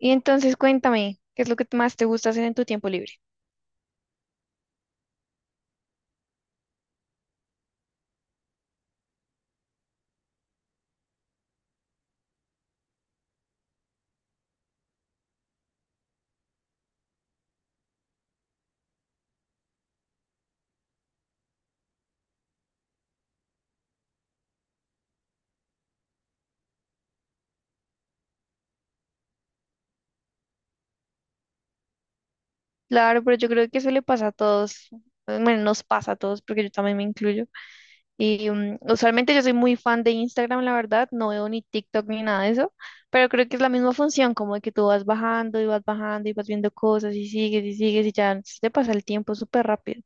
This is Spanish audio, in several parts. Y entonces cuéntame, ¿qué es lo que más te gusta hacer en tu tiempo libre? Claro, pero yo creo que eso le pasa a todos, bueno, nos pasa a todos porque yo también me incluyo. Y usualmente yo soy muy fan de Instagram, la verdad, no veo ni TikTok ni nada de eso, pero creo que es la misma función, como de que tú vas bajando y vas bajando y vas viendo cosas y sigues y sigues y ya se te pasa el tiempo súper rápido.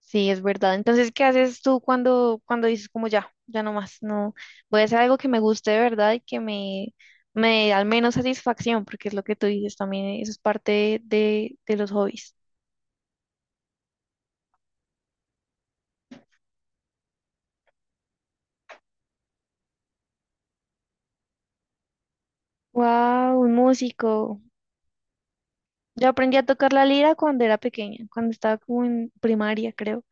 Sí, es verdad. Entonces, ¿qué haces tú cuando dices como ya, ya no más, no, voy a hacer algo que me guste de verdad y que me dé al menos satisfacción, porque es lo que tú dices también, eso es parte de los hobbies. Wow, un músico. Yo aprendí a tocar la lira cuando era pequeña, cuando estaba como en primaria, creo.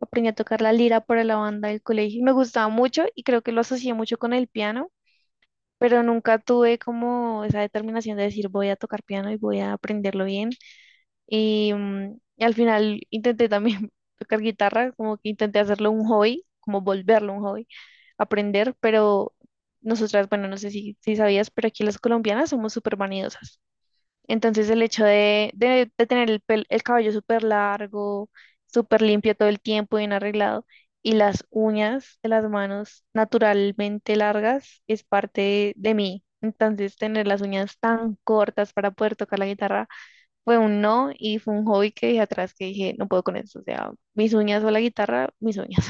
Aprendí a tocar la lira para la banda del colegio y me gustaba mucho y creo que lo asocié mucho con el piano, pero nunca tuve como esa determinación de decir voy a tocar piano y voy a aprenderlo bien. Y y al final intenté también tocar guitarra, como que intenté hacerlo un hobby, como volverlo un hobby, aprender, pero nosotras, bueno, no sé si sabías, pero aquí las colombianas somos súper vanidosas. Entonces el hecho de tener el cabello súper largo, súper limpio todo el tiempo, bien arreglado, y las uñas de las manos naturalmente largas es parte de mí. Entonces tener las uñas tan cortas para poder tocar la guitarra fue un no y fue un hobby que dije atrás, que dije, no puedo con eso. O sea, mis uñas o la guitarra, mis uñas.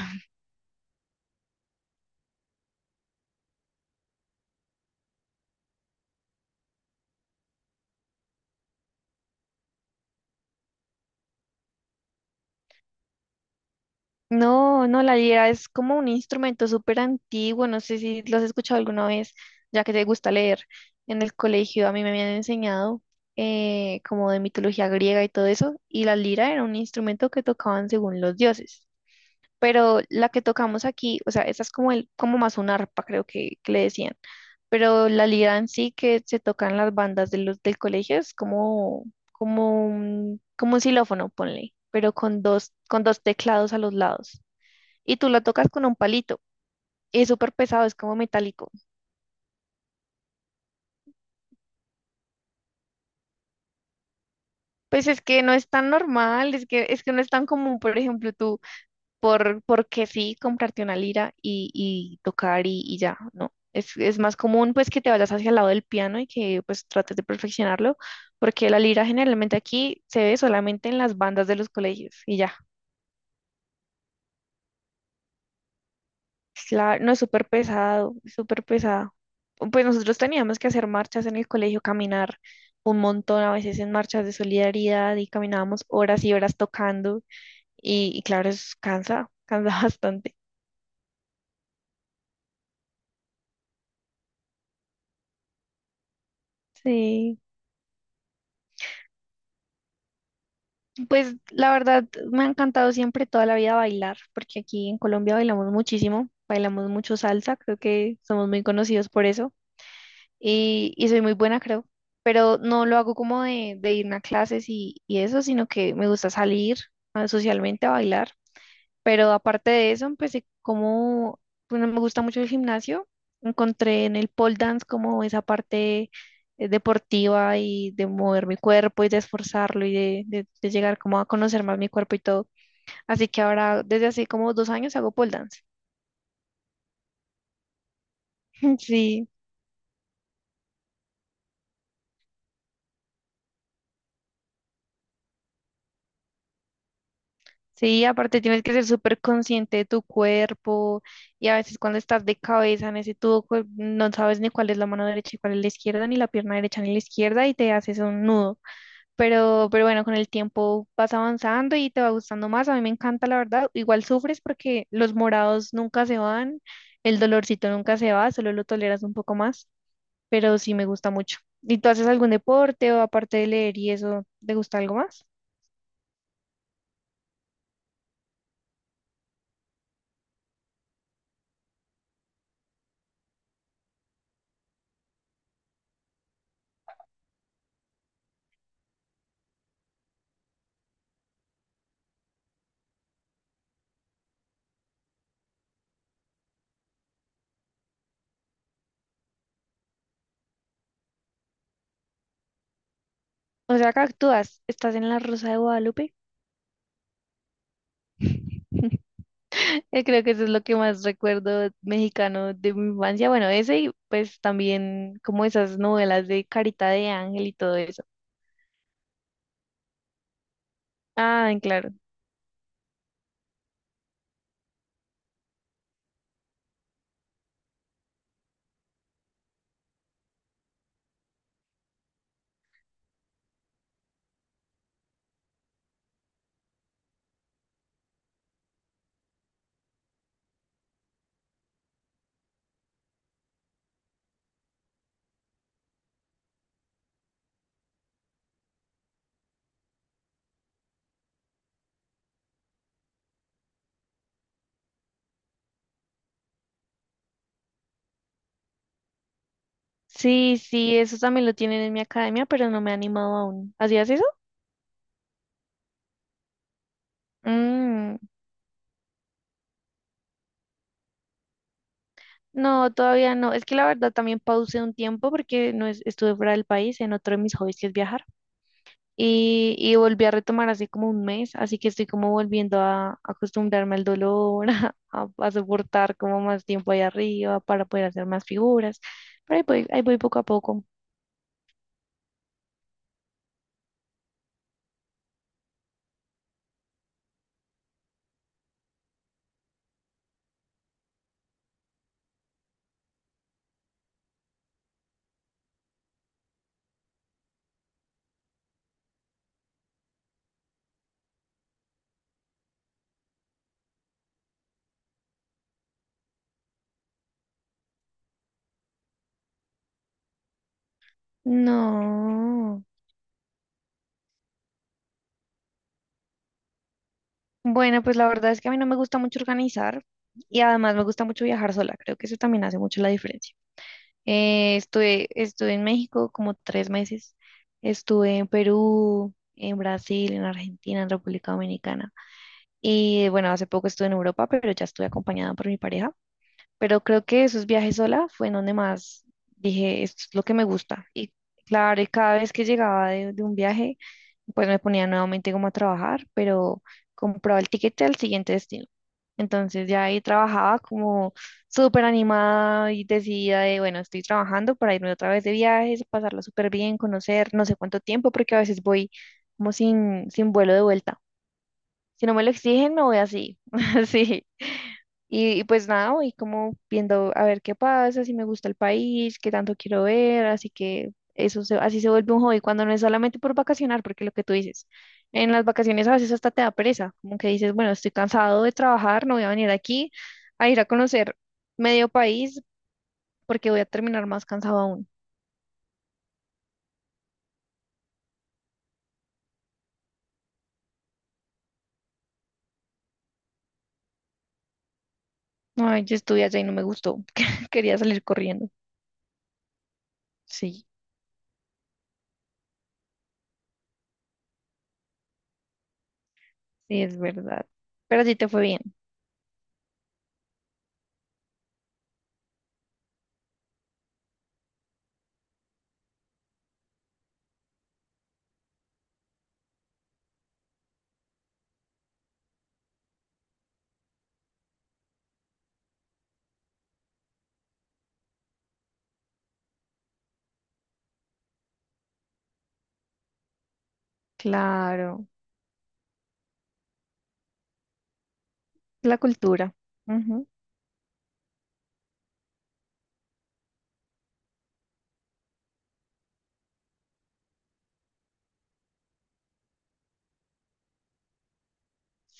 No, no, la lira es como un instrumento súper antiguo, no sé si lo has escuchado alguna vez, ya que te gusta leer. En el colegio a mí me habían enseñado como de mitología griega y todo eso, y la lira era un instrumento que tocaban según los dioses. Pero la que tocamos aquí, o sea, esa es como el, como más un arpa, creo que le decían. Pero la lira en sí que se toca en las bandas de los del colegio es como, como un xilófono, ponle, pero con dos teclados a los lados y tú lo tocas con un palito. Es súper pesado, es como metálico. Pues es que no es tan normal, es que no es tan común. Por ejemplo, tú, porque sí, comprarte una lira y tocar y ya, ¿no? Es más común pues que te vayas hacia el lado del piano y que pues trates de perfeccionarlo, porque la lira generalmente aquí se ve solamente en las bandas de los colegios y ya. Claro, no es súper pesado, es súper pesado. Pues nosotros teníamos que hacer marchas en el colegio, caminar un montón, a veces en marchas de solidaridad, y caminábamos horas y horas tocando y claro, eso cansa, cansa bastante. Sí, pues la verdad me ha encantado siempre toda la vida bailar, porque aquí en Colombia bailamos muchísimo, bailamos mucho salsa, creo que somos muy conocidos por eso. Y soy muy buena, creo, pero no lo hago como de irme a clases y eso, sino que me gusta salir socialmente a bailar, pero aparte de eso empecé como, bueno, me gusta mucho el gimnasio, encontré en el pole dance como esa parte deportiva y de mover mi cuerpo y de esforzarlo y de llegar como a conocer más mi cuerpo y todo, así que ahora desde hace como 2 años hago pole dance. Sí. Sí, aparte tienes que ser súper consciente de tu cuerpo, y a veces cuando estás de cabeza en ese tubo, pues no sabes ni cuál es la mano derecha y cuál es la izquierda, ni la pierna derecha ni la izquierda, y te haces un nudo. Pero bueno, con el tiempo vas avanzando y te va gustando más. A mí me encanta, la verdad. Igual sufres porque los morados nunca se van, el dolorcito nunca se va, solo lo toleras un poco más, pero sí me gusta mucho. ¿Y tú haces algún deporte? O aparte de leer y eso, ¿te gusta algo más? O sea, que actúas, estás en la Rosa de Guadalupe. Creo que eso es lo que más recuerdo mexicano de mi infancia. Bueno, ese y pues también como esas novelas de Carita de Ángel y todo eso. Ah, claro. Sí, sí, eso también lo tienen en mi academia, pero no me he animado aún. ¿Hacías eso? Mm, no, todavía no. Es que la verdad también pausé un tiempo porque no es- estuve fuera del país en otro de mis hobbies, que es viajar. Y volví a retomar así como un mes, así que estoy como volviendo a acostumbrarme al dolor, a soportar como más tiempo ahí arriba para poder hacer más figuras, pero ahí voy poco a poco. No. Bueno, pues la verdad es que a mí no me gusta mucho organizar, y además me gusta mucho viajar sola, creo que eso también hace mucho la diferencia. Estuve en México como 3 meses, estuve en Perú, en Brasil, en Argentina, en República Dominicana. Y bueno, hace poco estuve en Europa, pero ya estuve acompañada por mi pareja. Pero creo que esos viajes sola fue en donde más dije, esto es lo que me gusta. Y claro, y cada vez que llegaba de un viaje, pues me ponía nuevamente como a trabajar, pero compraba el tiquete al siguiente destino. Entonces ya ahí trabajaba como súper animada y decidida de, bueno, estoy trabajando para irme otra vez de viajes, pasarlo súper bien, conocer no sé cuánto tiempo, porque a veces voy como sin vuelo de vuelta. Si no me lo exigen, me voy así, así. Y pues nada, voy como viendo a ver qué pasa, si me gusta el país, qué tanto quiero ver, así que eso así se vuelve un hobby cuando no es solamente por vacacionar, porque lo que tú dices, en las vacaciones a veces hasta te da pereza, como que dices, bueno, estoy cansado de trabajar, no voy a venir aquí a ir a conocer medio país porque voy a terminar más cansado aún. Ay, yo estuve allá y no me gustó, quería salir corriendo. Sí, sí, es verdad. Pero sí te fue bien. Claro. La cultura. Ujú.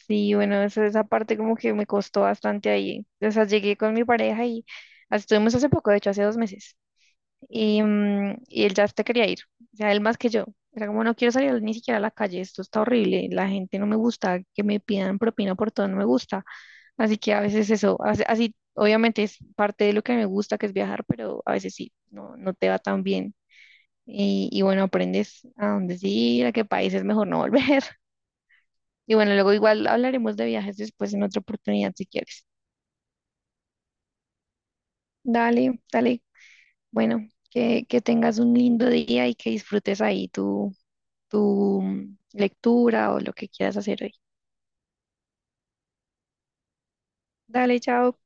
Sí, bueno, eso, esa parte como que me costó bastante ahí. O sea, llegué con mi pareja y estuvimos hace poco, de hecho, hace 2 meses. Y y él ya hasta quería ir. O sea, él más que yo. Era como, no quiero salir ni siquiera a la calle, esto está horrible, la gente no me gusta, que me pidan propina por todo, no me gusta. Así que a veces eso, así, obviamente es parte de lo que me gusta, que es viajar, pero a veces sí, no, no te va tan bien. Y bueno, aprendes a dónde sí ir, a qué país es mejor no volver. Y bueno, luego igual hablaremos de viajes después en otra oportunidad si quieres. Dale, dale. Bueno, que tengas un lindo día y que disfrutes ahí tu, tu lectura o lo que quieras hacer hoy. Dale, chao.